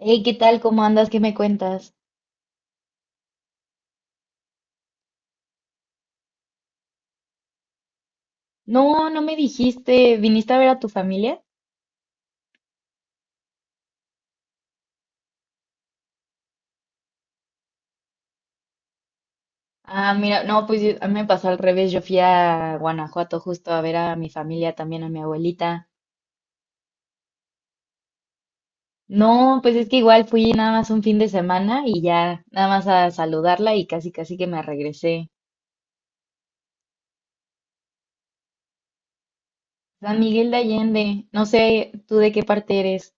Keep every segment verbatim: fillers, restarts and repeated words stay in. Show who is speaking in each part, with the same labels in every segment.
Speaker 1: Hey, ¿qué tal? ¿Cómo andas? ¿Qué me cuentas? No, no me dijiste, ¿viniste a ver a tu familia? Ah, mira, no, pues yo- a mí me pasó al revés, yo fui a Guanajuato justo a ver a mi familia, también a mi abuelita. No, pues es que igual fui nada más un fin de semana y ya nada más a saludarla y casi casi que me regresé. San Miguel de Allende, no sé tú de qué parte eres.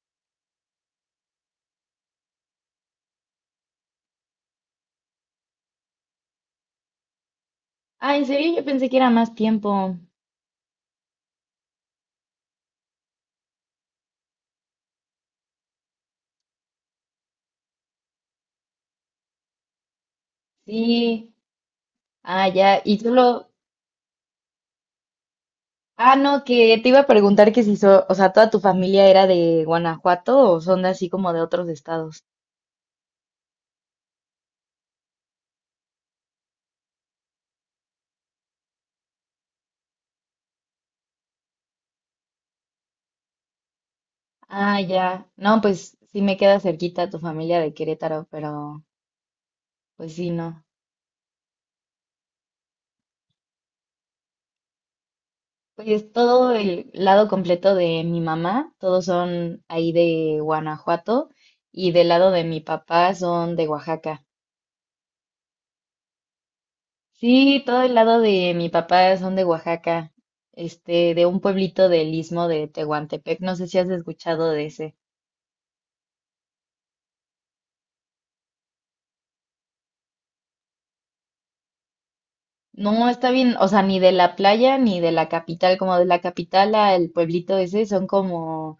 Speaker 1: Ah, ¿en serio? Yo pensé que era más tiempo. Sí, ah, ya, y solo... Ah, no, que te iba a preguntar que si, so- o sea, toda tu familia era de Guanajuato o son de así como de otros estados. Ah, ya. No, pues sí me queda cerquita tu familia de Querétaro, pero pues sí, no. Pues todo el lado completo de mi mamá, todos son ahí de Guanajuato y del lado de mi papá son de Oaxaca. Sí, todo el lado de mi papá son de Oaxaca, este, de un pueblito del istmo de Tehuantepec. No sé si has escuchado de ese. No, está bien, o sea, ni de la playa ni de la capital, como de la capital al pueblito ese son como,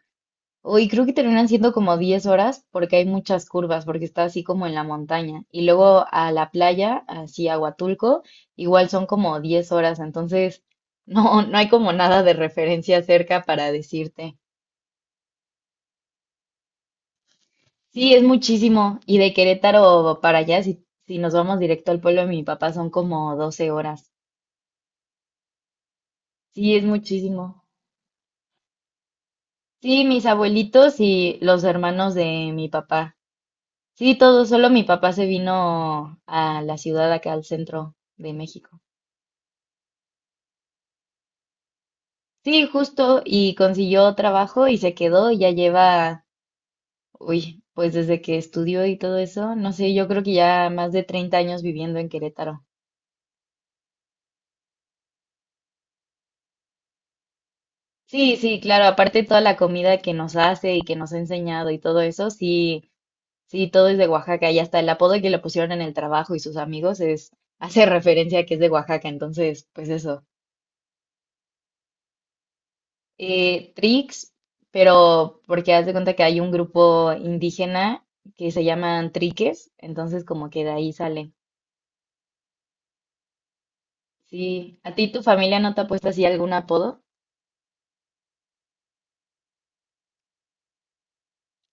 Speaker 1: uy, creo que terminan siendo como diez horas porque hay muchas curvas, porque está así como en la montaña. Y luego a la playa, así a Huatulco, igual son como diez horas, entonces no, no hay como nada de referencia cerca para decirte. Sí, es muchísimo. Y de Querétaro para allá, si, si nos vamos directo al pueblo de mi papá, son como doce horas. Sí, es muchísimo. Sí, mis abuelitos y los hermanos de mi papá. Sí, todo, solo mi papá se vino a la ciudad acá al centro de México. Sí, justo, y consiguió trabajo y se quedó y ya lleva, uy, pues desde que estudió y todo eso, no sé, yo creo que ya más de treinta años viviendo en Querétaro. Sí, sí, claro, aparte toda la comida que nos hace y que nos ha enseñado y todo eso, sí, sí, todo es de Oaxaca y hasta el apodo que le pusieron en el trabajo y sus amigos es, hace referencia a que es de Oaxaca, entonces, pues eso. Eh, Trix, pero porque haz de cuenta que hay un grupo indígena que se llaman Triques, entonces como que de ahí sale. Sí, ¿a ti tu familia no te ha puesto así algún apodo?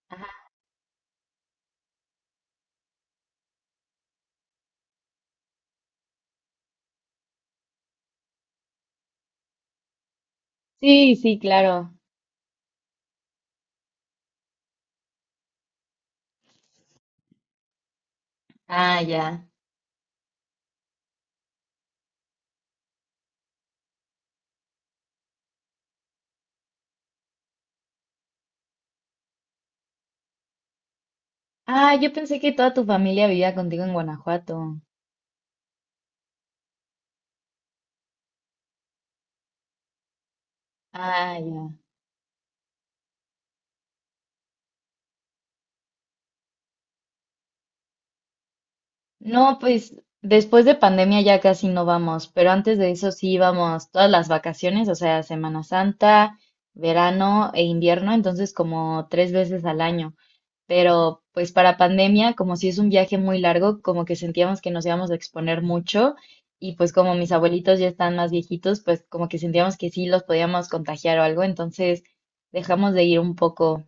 Speaker 1: Ajá. Sí, sí, claro. Ah, ya. Ah, yo pensé que toda tu familia vivía contigo en Guanajuato. Ah, ya. No, pues después de pandemia ya casi no vamos, pero antes de eso sí íbamos todas las vacaciones, o sea, Semana Santa, verano e invierno, entonces como tres veces al año. Pero pues para pandemia, como si es un viaje muy largo, como que sentíamos que nos íbamos a exponer mucho y pues como mis abuelitos ya están más viejitos, pues como que sentíamos que sí los podíamos contagiar o algo, entonces dejamos de ir un poco.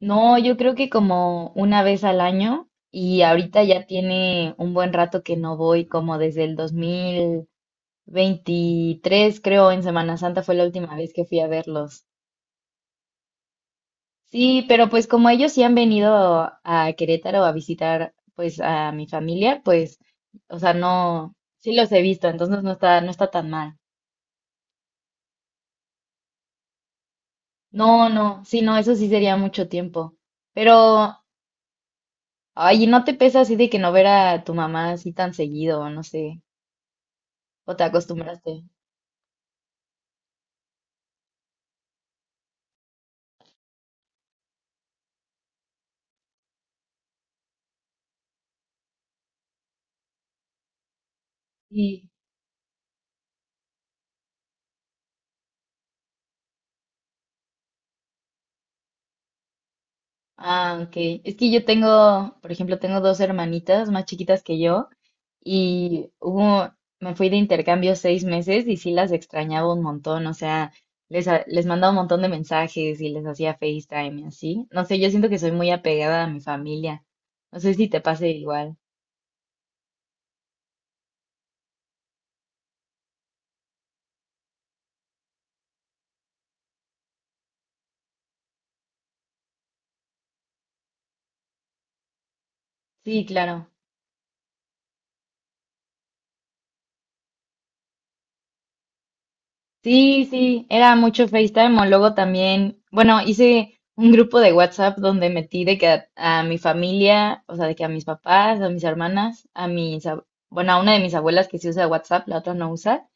Speaker 1: No, yo creo que como una vez al año y ahorita ya tiene un buen rato que no voy, como desde el dos mil veintitrés, creo, en Semana Santa fue la última vez que fui a verlos. Sí, pero pues como ellos sí han venido a Querétaro a visitar pues a mi familia, pues, o sea, no, sí los he visto, entonces no está, no está tan mal. No, no, sí, no, eso sí sería mucho tiempo. Pero, ay, ¿no te pesa así de que no ver a tu mamá así tan seguido, no sé? ¿O te acostumbraste? Sí. Ah, ok. Es que yo tengo, por ejemplo, tengo dos hermanitas más chiquitas que yo y hubo, me fui de intercambio seis meses y sí las extrañaba un montón, o sea, les, ha- les mandaba un montón de mensajes y les hacía FaceTime y así. No sé, yo siento que soy muy apegada a mi familia. No sé si te pase igual. Sí, claro. Sí, sí, era mucho FaceTime o luego también, bueno, hice un grupo de WhatsApp donde metí de que a, a mi familia, o sea, de que a mis papás, a mis hermanas, a mis, ab- bueno, a una de mis abuelas que sí usa WhatsApp, la otra no usa,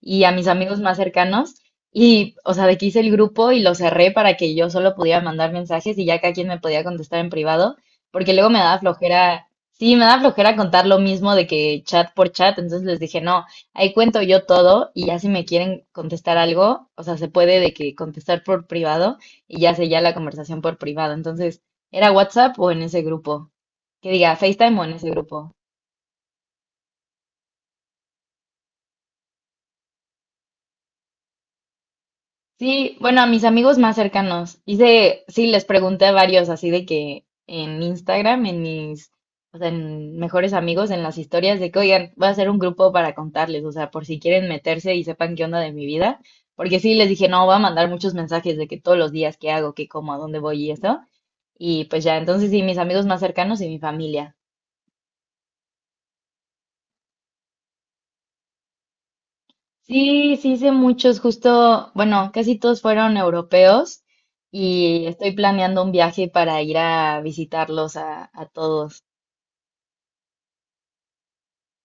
Speaker 1: y a mis amigos más cercanos, y, o sea, de que hice el grupo y lo cerré para que yo solo pudiera mandar mensajes y ya cada quien me podía contestar en privado, porque luego me daba flojera, sí, me daba flojera contar lo mismo de que chat por chat, entonces les dije, no. Ahí cuento yo todo y ya si me quieren contestar algo, o sea, se puede de que contestar por privado y ya se ya la conversación por privado. Entonces, ¿era WhatsApp o en ese grupo? Que diga FaceTime o en ese grupo. Sí, bueno, a mis amigos más cercanos. Hice, sí, les pregunté a varios así de que en Instagram, en mis, o sea, en mejores amigos, en las historias de que, oigan, voy a hacer un grupo para contarles, o sea, por si quieren meterse y sepan qué onda de mi vida. Porque sí, les dije, no, voy a mandar muchos mensajes de que todos los días qué hago, qué como, a dónde voy y eso. Y pues ya, entonces sí, mis amigos más cercanos y mi familia. Sí, sí hice muchos, justo, bueno, casi todos fueron europeos y estoy planeando un viaje para ir a visitarlos a, a todos.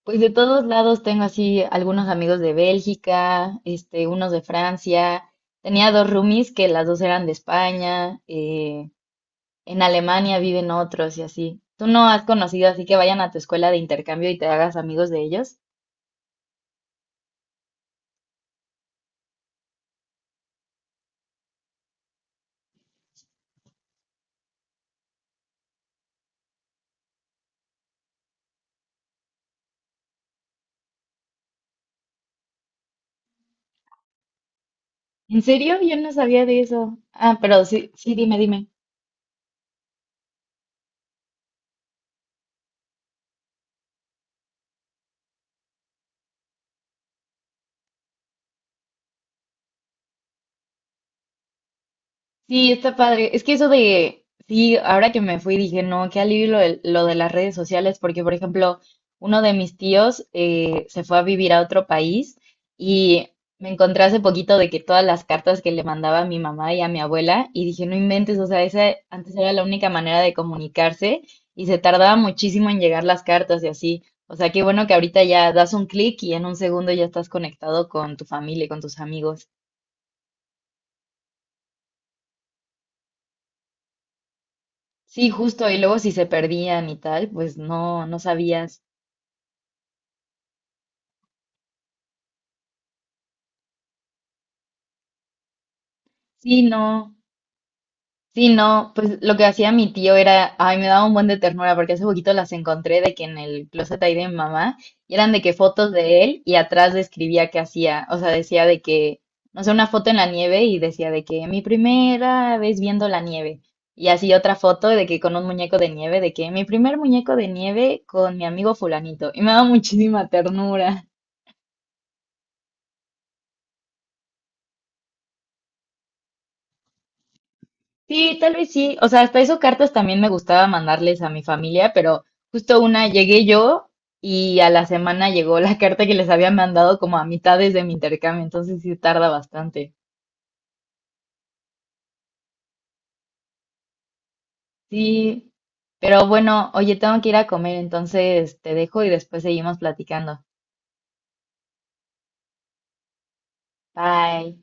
Speaker 1: Pues de todos lados tengo así algunos amigos de Bélgica, este, unos de Francia. Tenía dos roomies que las dos eran de España. Eh, en Alemania viven otros y así. ¿Tú no has conocido así que vayan a tu escuela de intercambio y te hagas amigos de ellos? ¿En serio? Yo no sabía de eso. Ah, pero sí, sí, dime, dime. Sí, está padre. Es que eso de, sí, ahora que me fui dije, no, qué alivio lo de, lo de las redes sociales, porque por ejemplo, uno de mis tíos eh, se fue a vivir a otro país y me encontré hace poquito de que todas las cartas que le mandaba a mi mamá y a mi abuela, y dije, no inventes, o sea, esa antes era la única manera de comunicarse y se tardaba muchísimo en llegar las cartas y así. O sea, qué bueno que ahorita ya das un clic y en un segundo ya estás conectado con tu familia y con tus amigos. Sí, justo, y luego si se perdían y tal, pues no, no sabías. Sí, no, sí, no, pues lo que hacía mi tío era, ay, me daba un buen de ternura porque hace poquito las encontré de que en el closet ahí de mi mamá, y eran de que fotos de él y atrás describía qué hacía, o sea, decía de que, no sé, una foto en la nieve y decía de que mi primera vez viendo la nieve, y así otra foto de que con un muñeco de nieve, de que mi primer muñeco de nieve con mi amigo fulanito, y me daba muchísima ternura. Sí, tal vez sí. O sea, hasta eso cartas también me gustaba mandarles a mi familia, pero justo una llegué yo y a la semana llegó la carta que les había mandado como a mitades de mi intercambio, entonces sí tarda bastante. Sí, pero bueno, oye, tengo que ir a comer, entonces te dejo y después seguimos platicando. Bye.